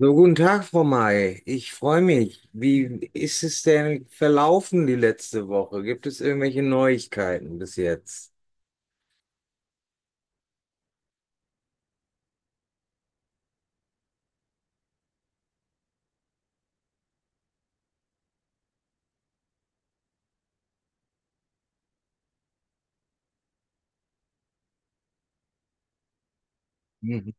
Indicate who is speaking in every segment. Speaker 1: So, guten Tag, Frau May. Ich freue mich. Wie ist es denn verlaufen die letzte Woche? Gibt es irgendwelche Neuigkeiten bis jetzt? Mhm.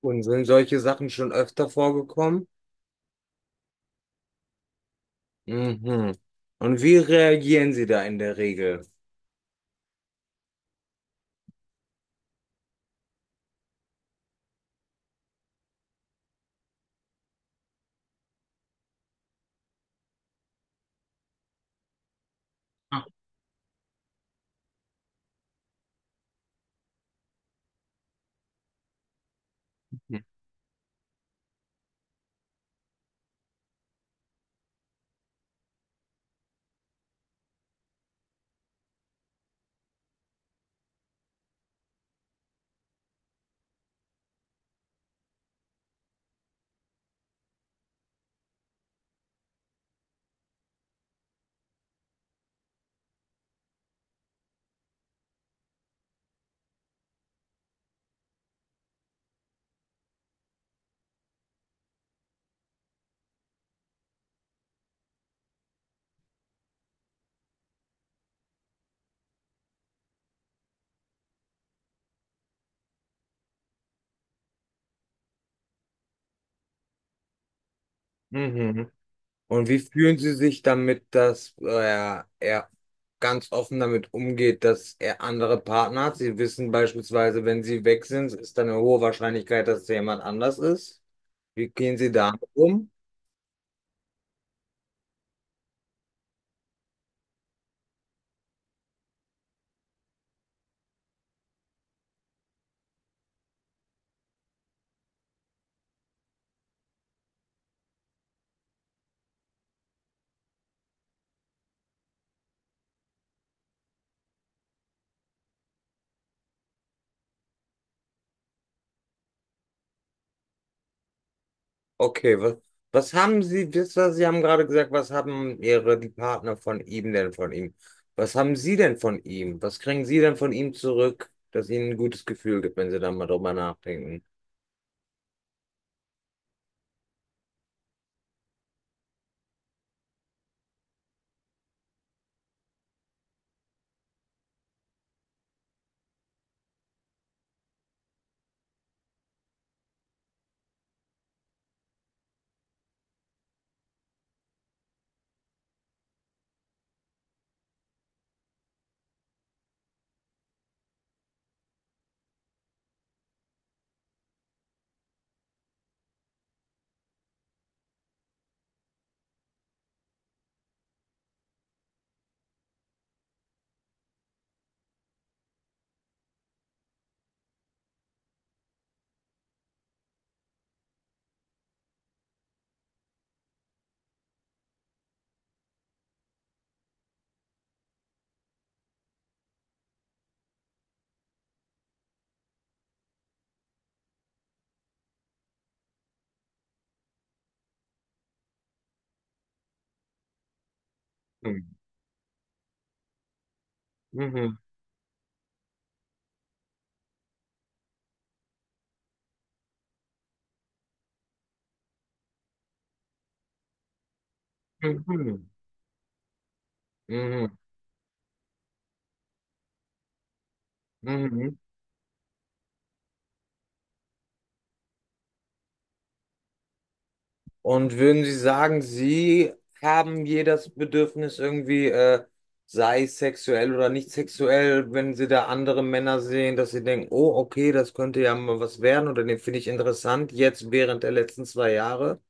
Speaker 1: Und sind solche Sachen schon öfter vorgekommen? Mhm. Und wie reagieren Sie da in der Regel? Mhm. Und wie fühlen Sie sich damit, dass er ganz offen damit umgeht, dass er andere Partner hat? Sie wissen beispielsweise, wenn Sie weg sind, ist dann eine hohe Wahrscheinlichkeit, dass es jemand anders ist. Wie gehen Sie damit um? Okay, was haben Sie, Sie haben gerade gesagt, was haben die Partner von ihm denn von ihm? Was haben Sie denn von ihm? Was kriegen Sie denn von ihm zurück, das Ihnen ein gutes Gefühl gibt, wenn Sie da mal drüber nachdenken? Mhm. Mhm. Mhm. Mhm. Mhm. Und würden Sie sagen, Sie haben jedes Bedürfnis irgendwie, sei es sexuell oder nicht sexuell, wenn Sie da andere Männer sehen, dass Sie denken, oh, okay, das könnte ja mal was werden oder den finde ich interessant, jetzt während der letzten zwei Jahre?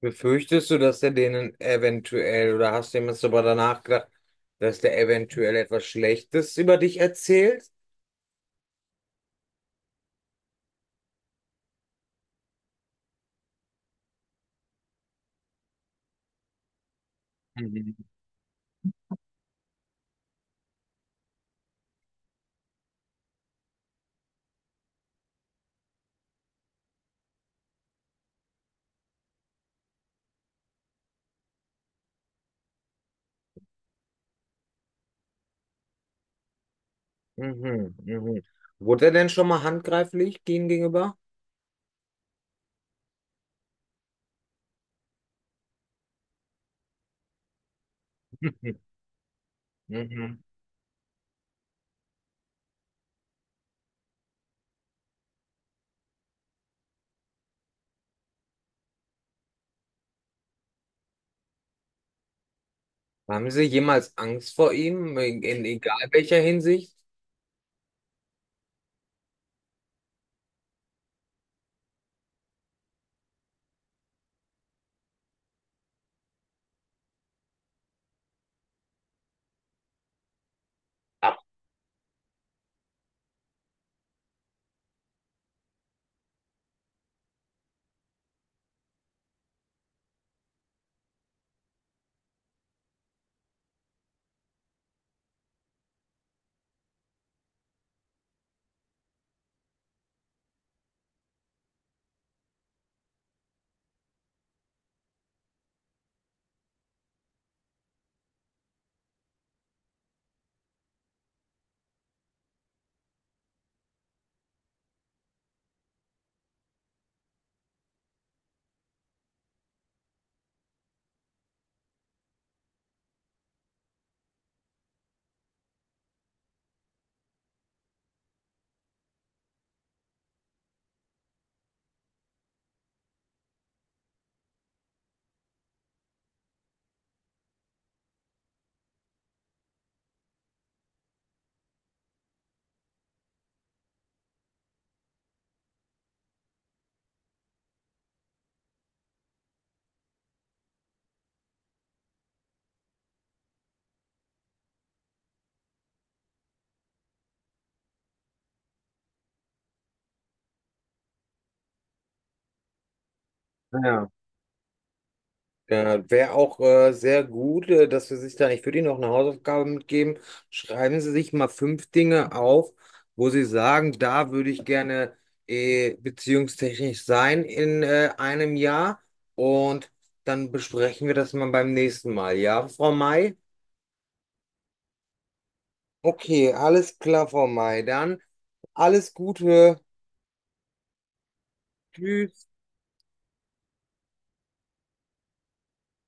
Speaker 1: Befürchtest du, dass der denen eventuell oder hast du ihm jetzt aber danach gedacht, dass der eventuell etwas Schlechtes über dich erzählt? Mhm. Mhm, mhm. Wurde er denn schon mal handgreiflich gegen gegenüber? Mhm. Haben Sie jemals Angst vor ihm, in egal welcher Hinsicht? Ach, ja. Wäre auch sehr gut, dass wir sich da, ich würde Ihnen noch eine Hausaufgabe mitgeben. Schreiben Sie sich mal 5 Dinge auf, wo Sie sagen, da würde ich gerne beziehungstechnisch sein in einem Jahr. Und dann besprechen wir das mal beim nächsten Mal. Ja, Frau May? Okay, alles klar, Frau May. Dann alles Gute. Tschüss.